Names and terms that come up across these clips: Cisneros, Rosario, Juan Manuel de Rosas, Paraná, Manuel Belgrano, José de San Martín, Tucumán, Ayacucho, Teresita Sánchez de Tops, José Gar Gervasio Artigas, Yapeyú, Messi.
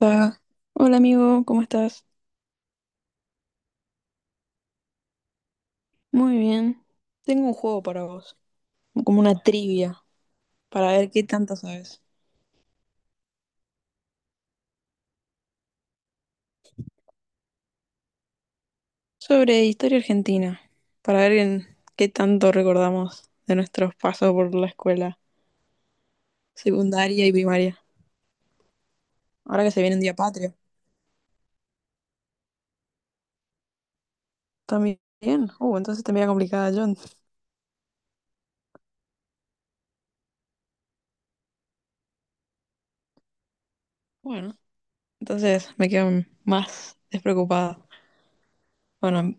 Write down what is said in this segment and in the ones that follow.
Ah, hola amigo, ¿cómo estás? Muy bien. Tengo un juego para vos, como una trivia, para ver qué tanto sabes. Sobre historia argentina, para ver en qué tanto recordamos de nuestros pasos por la escuela secundaria y primaria. Ahora que se viene un día patrio. También. Entonces te complicada, John. Bueno, entonces me quedo más despreocupada. Bueno,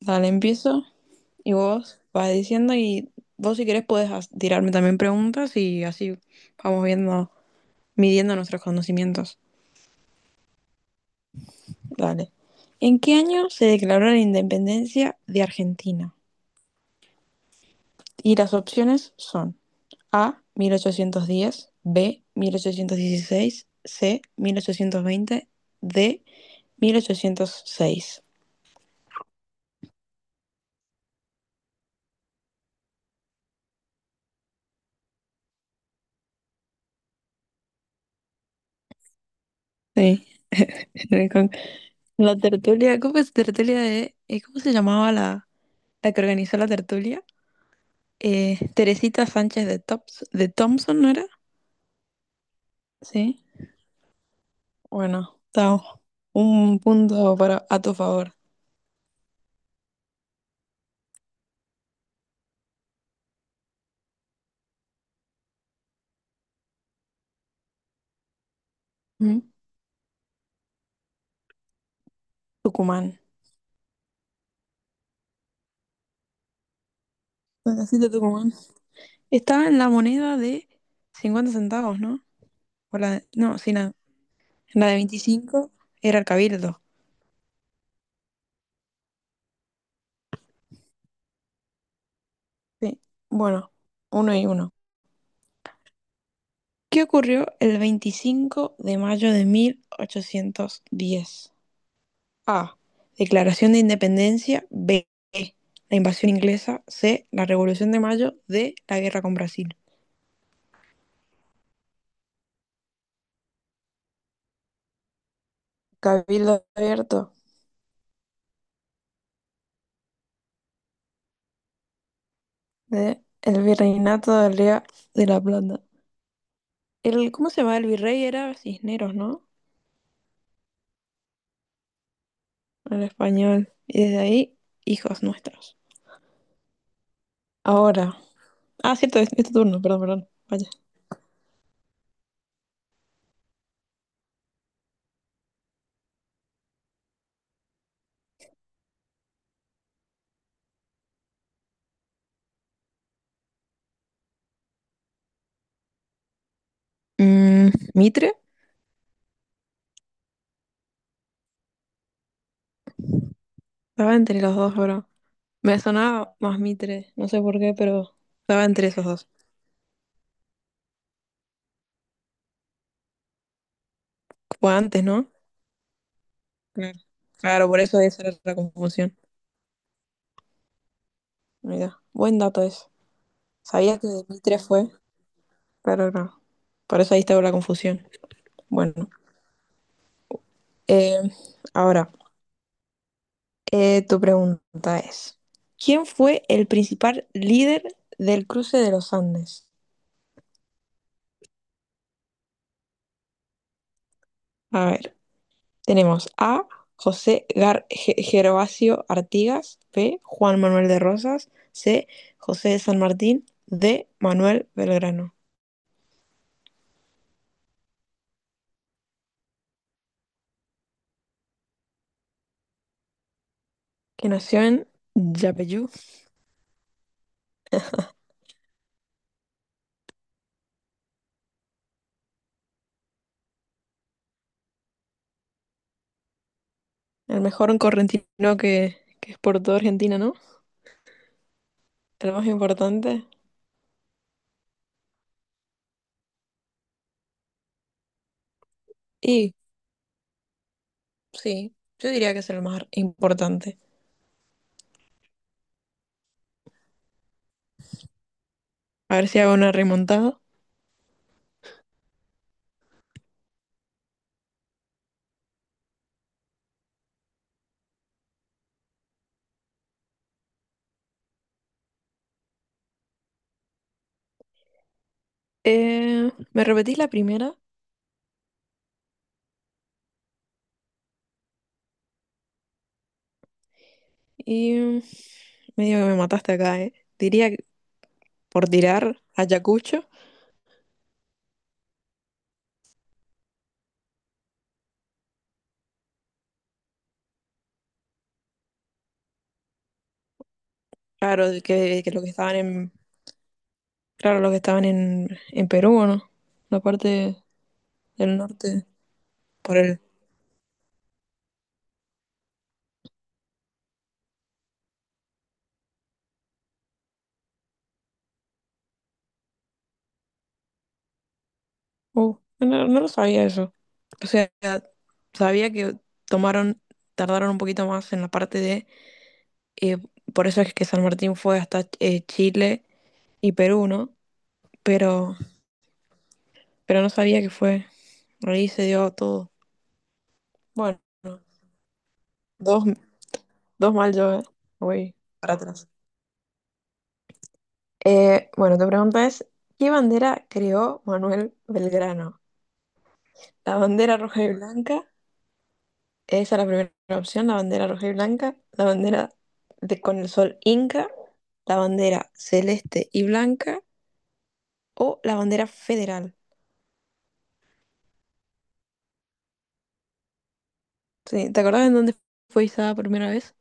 dale, empiezo y vos vas diciendo, y vos si querés podés tirarme también preguntas, y así vamos viendo, midiendo nuestros conocimientos. Dale. ¿En qué año se declaró la independencia de Argentina? Y las opciones son A, 1810; B, 1816; C, 1820; D, 1806. Sí. La tertulia, ¿cómo es tertulia de, cómo se llamaba la que organizó la tertulia? Teresita Sánchez de Thompson, ¿no era? Sí. Bueno, está un punto para a tu favor. Mm. Tucumán. La casita Tucumán. Estaba en la moneda de 50 centavos, ¿no? O la no, sí, la de 25 era el cabildo. Sí. Bueno, uno y uno. ¿Qué ocurrió el 25 de mayo de 1810? A. Declaración de Independencia. B. La invasión inglesa. C. La Revolución de Mayo. D. La guerra con Brasil. Cabildo abierto. D. El virreinato del Río de la Plata. El, ¿cómo se llama? El virrey era Cisneros, ¿no? En español. Y desde ahí, hijos nuestros. Ahora. Ah, cierto, es tu turno, perdón. Vaya. Mm, ¿Mitre? Estaba entre los dos, pero me sonaba más Mitre, no sé por qué, pero estaba entre esos dos. Fue antes, ¿no? Claro, claro, por eso esa era la confusión. Mira, buen dato eso. Sabía que Demetria fue, pero no. Por eso ahí estaba la confusión. Bueno, eh, ahora, tu pregunta es, ¿quién fue el principal líder del cruce de los Andes? A ver, tenemos A, José Gervasio Artigas; B, Juan Manuel de Rosas; C, José de San Martín; D, Manuel Belgrano, que nació en Yapeyú. El mejor en correntino que exportó Argentina, ¿no? El más importante. Y sí, yo diría que es el más importante. A ver si hago una remontada. Me repetís la primera y mm, medio que me mataste acá, ¿eh? Diría que por tirar a Ayacucho. Claro, que lo que estaban en, claro, los que estaban en Perú, ¿o no? La parte del norte, por el no, no lo sabía eso. O sea, sabía que tomaron, tardaron un poquito más en la parte de, eh, por eso es que San Martín fue hasta Chile y Perú, ¿no? Pero, pero no sabía que fue, ahí se dio todo. Bueno, dos, dos mal yo, ¿eh? Voy para atrás. Bueno, tu pregunta es, ¿qué bandera creó Manuel Belgrano? ¿La bandera roja y blanca? Esa es la primera opción. La bandera roja y blanca, la bandera de, con el sol inca, la bandera celeste y blanca, o la bandera federal. Sí, ¿te acordás en dónde fue izada por primera vez?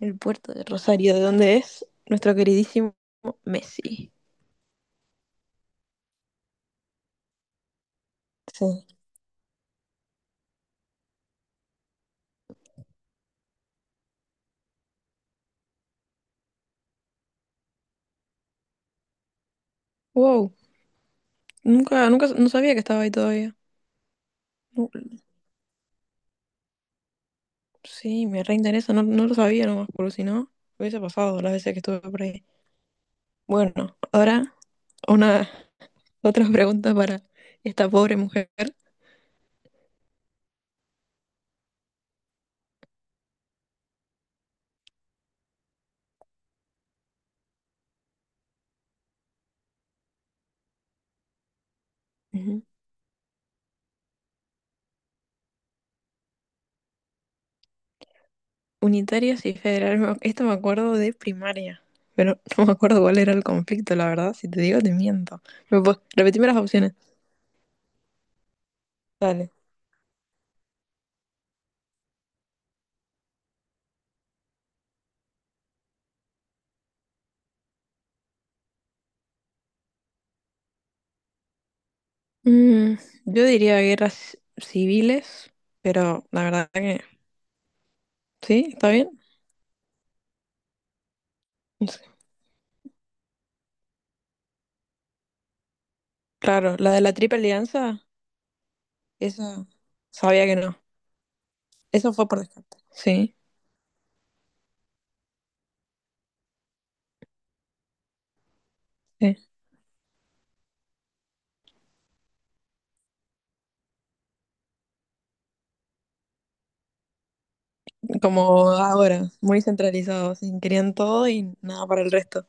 El puerto de Rosario, de donde es nuestro queridísimo Messi. Sí. Wow, nunca, nunca, no sabía que estaba ahí todavía. Nu- Sí, me reinteresa, no, no lo sabía nomás, porque si no, hubiese pasado las veces que estuve por ahí. Bueno, ahora una. Otra pregunta para esta pobre mujer. Ujú. Unitarios y federales. Esto me acuerdo de primaria, pero no me acuerdo cuál era el conflicto, la verdad. Si te digo, te miento. Repetime las opciones. Dale. Mm, yo diría guerras civiles, pero la verdad que sí, está bien. No. Claro, la de la Triple Alianza, esa sabía que no. Eso fue por descarte. Sí, sí. Como ahora, muy centralizado, sí, querían todo y nada para el resto.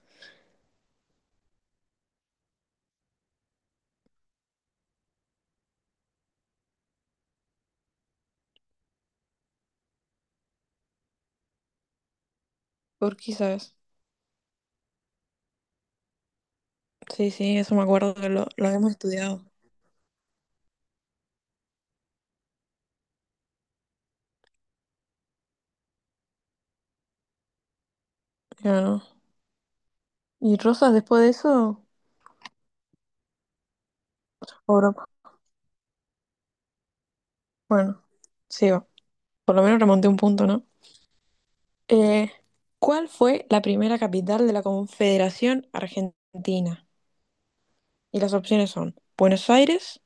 ¿Por qué, sabes? Sí, sí, eso me acuerdo lo habíamos estudiado. Claro. ¿Y Rosas después de eso? Europa. Bueno, sigo. Por lo menos remonté un punto, ¿no? Eh, ¿Cuál fue la primera capital de la Confederación Argentina? Y las opciones son Buenos Aires,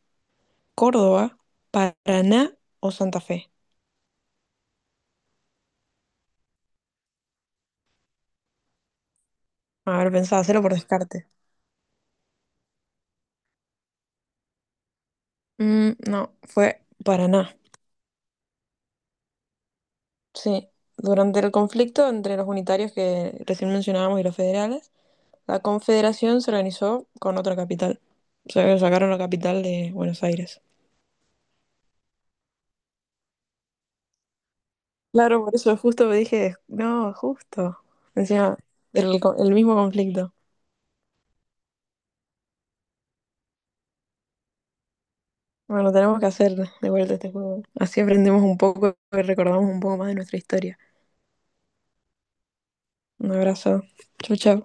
Córdoba, Paraná o Santa Fe. A ver, pensaba hacerlo por descarte. Mm, no, fue Paraná. Sí, durante el conflicto entre los unitarios que recién mencionábamos y los federales, la Confederación se organizó con otra capital. O sea, sacaron la capital de Buenos Aires. Claro, por eso justo me dije, no, justo. Encima, el mismo conflicto. Bueno, tenemos que hacer de vuelta este juego. Así aprendemos un poco y recordamos un poco más de nuestra historia. Un abrazo. Chau, chau.